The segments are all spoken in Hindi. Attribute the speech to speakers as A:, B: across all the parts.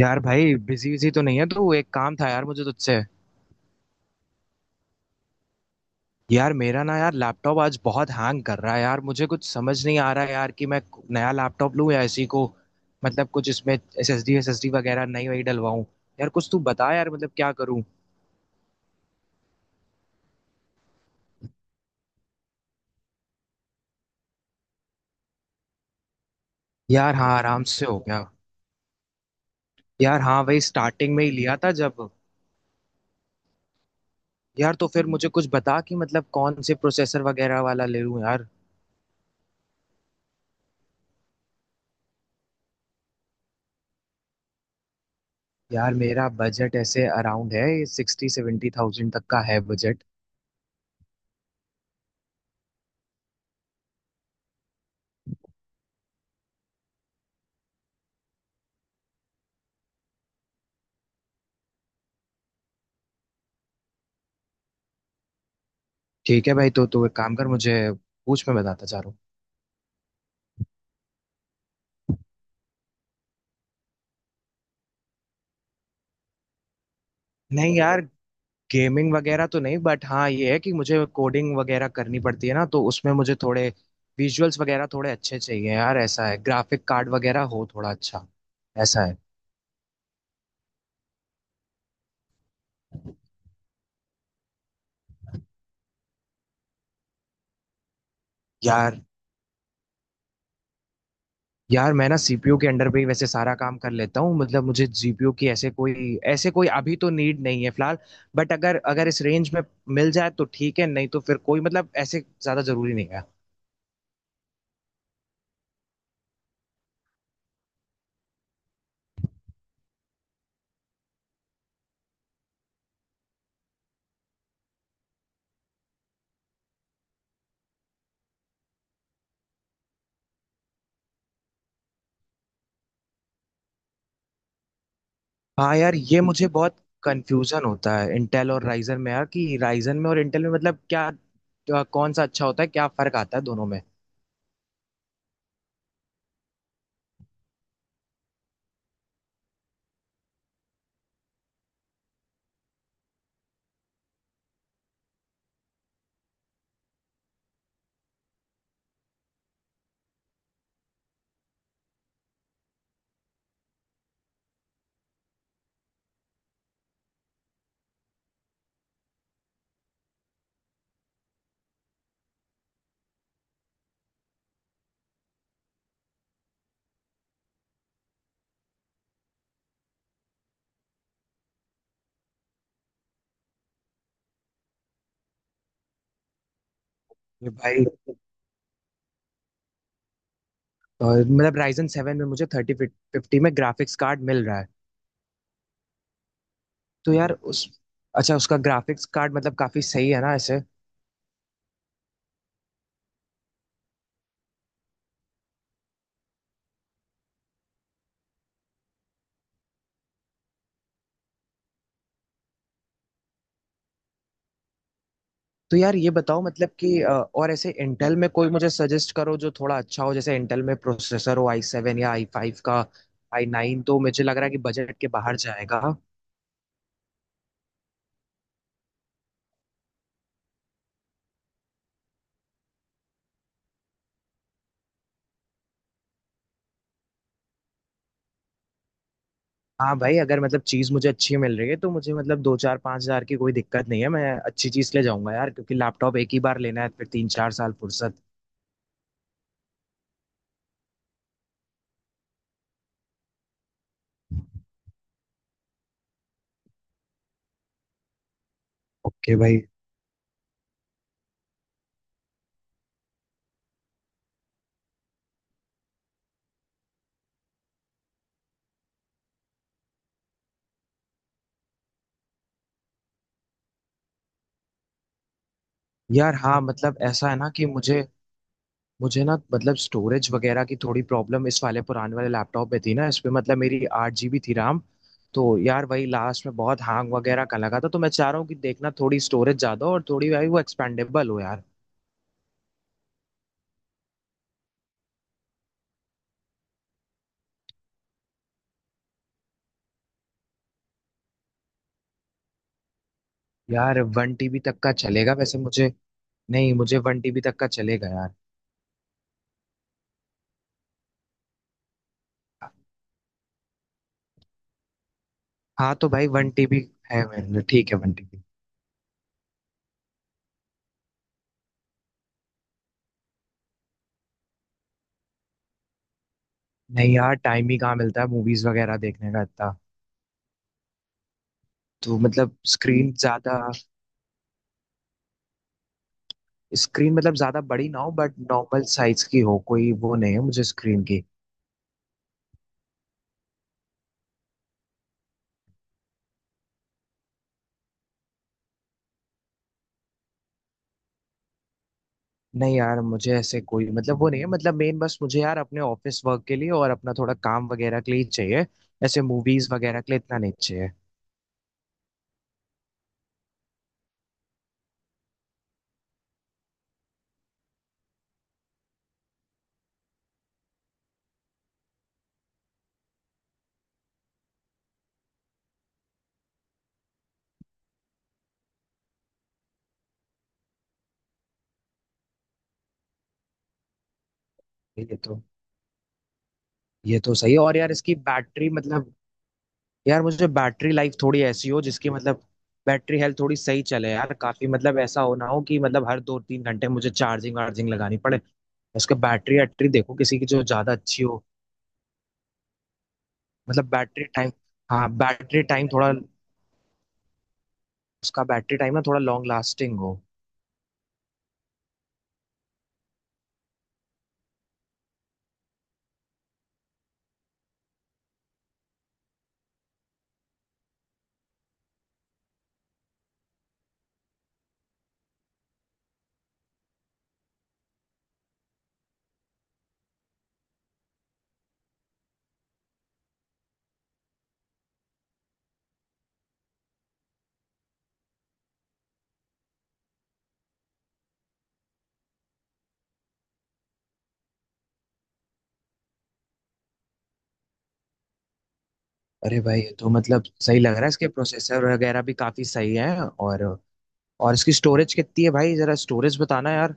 A: यार भाई, बिजी बिजी तो नहीं है तू। एक काम था यार मुझे तुझसे। यार मेरा ना, यार लैपटॉप आज बहुत हैंग कर रहा है यार। मुझे कुछ समझ नहीं आ रहा है यार कि मैं नया लैपटॉप लूं या इसी को। मतलब कुछ इसमें एस एस डी वगैरह नई वही डलवाऊं। यार कुछ तू बता यार, मतलब क्या करूं। यार हाँ, आराम से हो गया। यार हाँ, वही स्टार्टिंग में ही लिया था जब। यार तो फिर मुझे कुछ बता कि मतलब कौन से प्रोसेसर वगैरह वाला ले लूं यार। यार मेरा बजट ऐसे अराउंड है, 60,000-70,000 तक का है बजट। ठीक है भाई, तो तू एक काम कर मुझे पूछ, मैं बताता जा रहा हूँ। नहीं यार, गेमिंग वगैरह तो नहीं, बट हाँ ये है कि मुझे कोडिंग वगैरह करनी पड़ती है ना तो उसमें मुझे थोड़े विजुअल्स वगैरह थोड़े अच्छे चाहिए यार। ऐसा है, ग्राफिक कार्ड वगैरह हो थोड़ा अच्छा, ऐसा है। यार यार, मैं ना सीपीयू के अंडर पे ही वैसे सारा काम कर लेता हूँ, मतलब मुझे जीपीयू की ऐसे कोई अभी तो नीड नहीं है फिलहाल। बट अगर अगर इस रेंज में मिल जाए तो ठीक है, नहीं तो फिर कोई मतलब ऐसे ज्यादा जरूरी नहीं है। हाँ यार, ये मुझे बहुत कंफ्यूजन होता है इंटेल और राइजन में यार, कि राइजन में और इंटेल में, मतलब क्या क्या- कौन सा अच्छा होता है, क्या फर्क आता है दोनों में। ये भाई, और मतलब राइजन सेवन में मुझे थर्टी फिफ्टी में ग्राफिक्स कार्ड मिल रहा है। तो यार उस अच्छा, उसका ग्राफिक्स कार्ड मतलब काफी सही है ना ऐसे। तो यार ये बताओ मतलब कि और ऐसे इंटेल में कोई मुझे सजेस्ट करो जो थोड़ा अच्छा हो, जैसे इंटेल में प्रोसेसर हो आई सेवन या आई फाइव का। आई नाइन तो मुझे लग रहा है कि बजट के बाहर जाएगा। हाँ भाई, अगर मतलब चीज मुझे अच्छी मिल रही है तो मुझे मतलब दो चार पांच हजार की कोई दिक्कत नहीं है, मैं अच्छी चीज ले जाऊंगा यार, क्योंकि लैपटॉप एक ही बार लेना है, फिर 3-4 साल फुर्सत। ओके भाई। यार हाँ, मतलब ऐसा है ना कि मुझे मुझे ना मतलब स्टोरेज वगैरह की थोड़ी प्रॉब्लम इस वाले पुराने वाले लैपटॉप में थी ना, इस पे मतलब मेरी 8 जीबी थी RAM। तो यार वही लास्ट में बहुत हैंग वगैरह का लगा था, तो मैं चाह रहा हूँ कि देखना थोड़ी स्टोरेज ज्यादा हो और थोड़ी भाई वो एक्सपेंडेबल हो यार। यार वन टीबी तक का चलेगा वैसे मुझे। नहीं, मुझे वन टीबी तक का चलेगा यार। हाँ तो भाई, वन टीबी है मेरे, ठीक है वन टीबी। नहीं यार, टाइम ही कहाँ मिलता है मूवीज वगैरह देखने का इतना। तो मतलब स्क्रीन ज्यादा स्क्रीन मतलब ज्यादा बड़ी ना हो बट नॉर्मल साइज की हो, कोई वो नहीं है मुझे स्क्रीन की। नहीं यार, मुझे ऐसे कोई मतलब वो नहीं है, मतलब मेन बस मुझे यार अपने ऑफिस वर्क के लिए और अपना थोड़ा काम वगैरह के लिए ही चाहिए। ऐसे मूवीज वगैरह के लिए इतना नहीं चाहिए। ये तो ये तो सही है, और यार इसकी बैटरी मतलब, यार मुझे बैटरी लाइफ थोड़ी ऐसी हो जिसकी मतलब बैटरी हेल्थ थोड़ी सही चले यार काफी, मतलब ऐसा हो ना हो कि मतलब हर 2-3 घंटे मुझे चार्जिंग वार्जिंग लगानी पड़े। उसके बैटरी वैटरी देखो किसी की जो ज्यादा अच्छी हो। मतलब बैटरी टाइम, हाँ बैटरी टाइम थोड़ा, उसका बैटरी टाइम ना थोड़ा लॉन्ग लास्टिंग हो। अरे भाई, ये तो मतलब सही लग रहा है, इसके प्रोसेसर वगैरह भी काफी सही है, और इसकी स्टोरेज कितनी है भाई, जरा स्टोरेज बताना यार।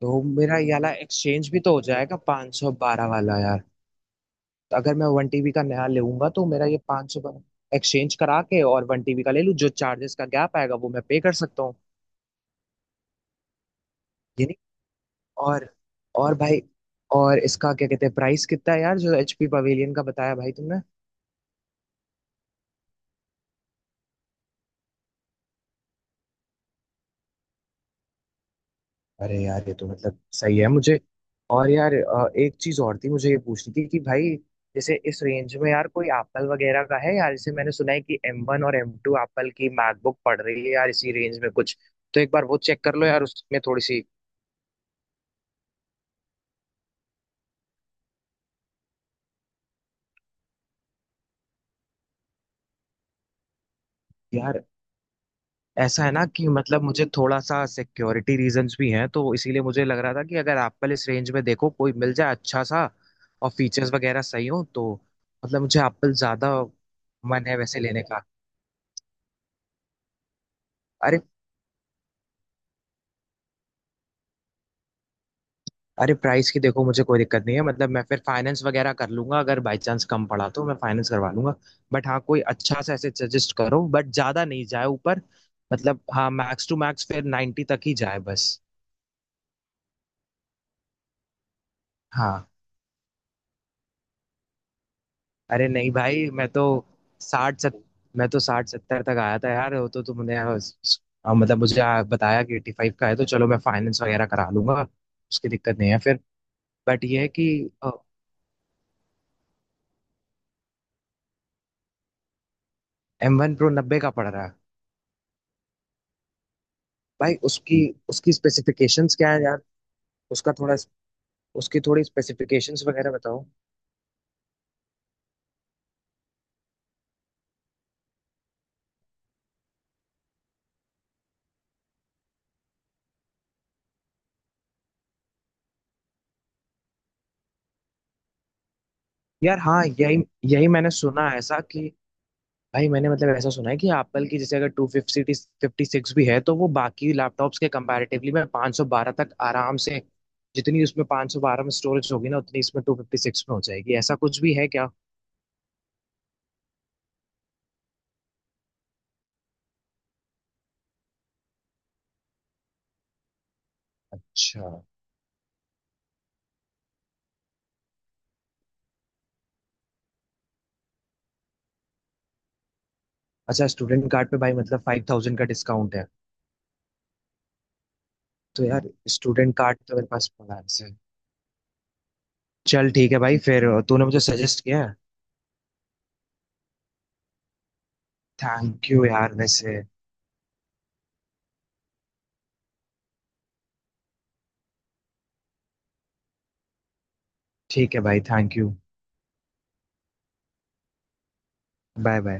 A: तो मेरा ये वाला एक्सचेंज भी तो हो जाएगा, 512 वाला यार, अगर मैं वन टीबी का नया लूंगा तो मेरा ये 500 एक्सचेंज करा के और वन टीबी का ले लूँ, जो चार्जेस का गैप आएगा वो मैं पे कर सकता हूँ। ये नहीं, और और भाई, और इसका क्या कहते हैं, प्राइस कितना है यार, जो एचपी पवेलियन का बताया भाई तुमने। अरे यार, ये तो मतलब सही है मुझे। और यार, एक चीज और थी मुझे ये पूछनी थी कि भाई, जैसे इस रेंज में यार कोई एप्पल वगैरह का है यार, जैसे मैंने सुना है कि एम वन और एम टू एप्पल की मैकबुक पड़ रही है यार इसी रेंज में कुछ। तो एक बार वो चेक कर लो यार, उसमें थोड़ी सी। यार ऐसा है ना कि मतलब मुझे थोड़ा सा सिक्योरिटी रीजंस भी हैं, तो इसीलिए मुझे लग रहा था कि अगर एप्पल इस रेंज में देखो कोई मिल जाए अच्छा सा और फीचर्स वगैरह सही हो तो, मतलब मुझे एप्पल ज्यादा मन है वैसे लेने का। अरे अरे, प्राइस की देखो मुझे कोई दिक्कत नहीं है, मतलब मैं फिर फाइनेंस वगैरह कर लूंगा, अगर बाई चांस कम पड़ा तो मैं फाइनेंस करवा लूंगा। बट हाँ, कोई अच्छा सा ऐसे सजेस्ट करो बट ज्यादा नहीं जाए ऊपर। मतलब हाँ, मैक्स टू मैक्स फिर 90 तक ही जाए बस। हाँ, अरे नहीं भाई, साठ सत मैं तो साठ सत्तर तक आया था यार, वो तो तुमने मतलब मुझे बताया कि 85 का है, तो चलो मैं फाइनेंस वगैरह करा लूंगा। उसकी दिक्कत नहीं है फिर। बट ये है कि एम वन प्रो 90 का पड़ रहा है। भाई, उसकी उसकी स्पेसिफिकेशंस क्या है यार, उसका थोड़ा उसकी थोड़ी स्पेसिफिकेशंस वगैरह बताओ। यार हाँ, यही यही मैंने सुना है ऐसा कि, भाई मैंने मतलब ऐसा सुना है कि एप्पल की, जैसे अगर टू फिफ्टी फिफ्टी सिक्स भी है तो वो बाकी लैपटॉप्स के कंपैरेटिवली में 512 तक आराम से, जितनी उसमें 512 में स्टोरेज होगी ना, उतनी इसमें 256 में हो जाएगी, ऐसा कुछ भी है क्या? अच्छा अच्छा, स्टूडेंट कार्ड पे भाई मतलब 5,000 का डिस्काउंट है। तो यार, स्टूडेंट कार्ड तो मेरे पास पड़ा से। चल ठीक है भाई फिर, तूने मुझे सजेस्ट किया है। थैंक यू यार वैसे। ठीक है भाई, थैंक यू। Bye bye.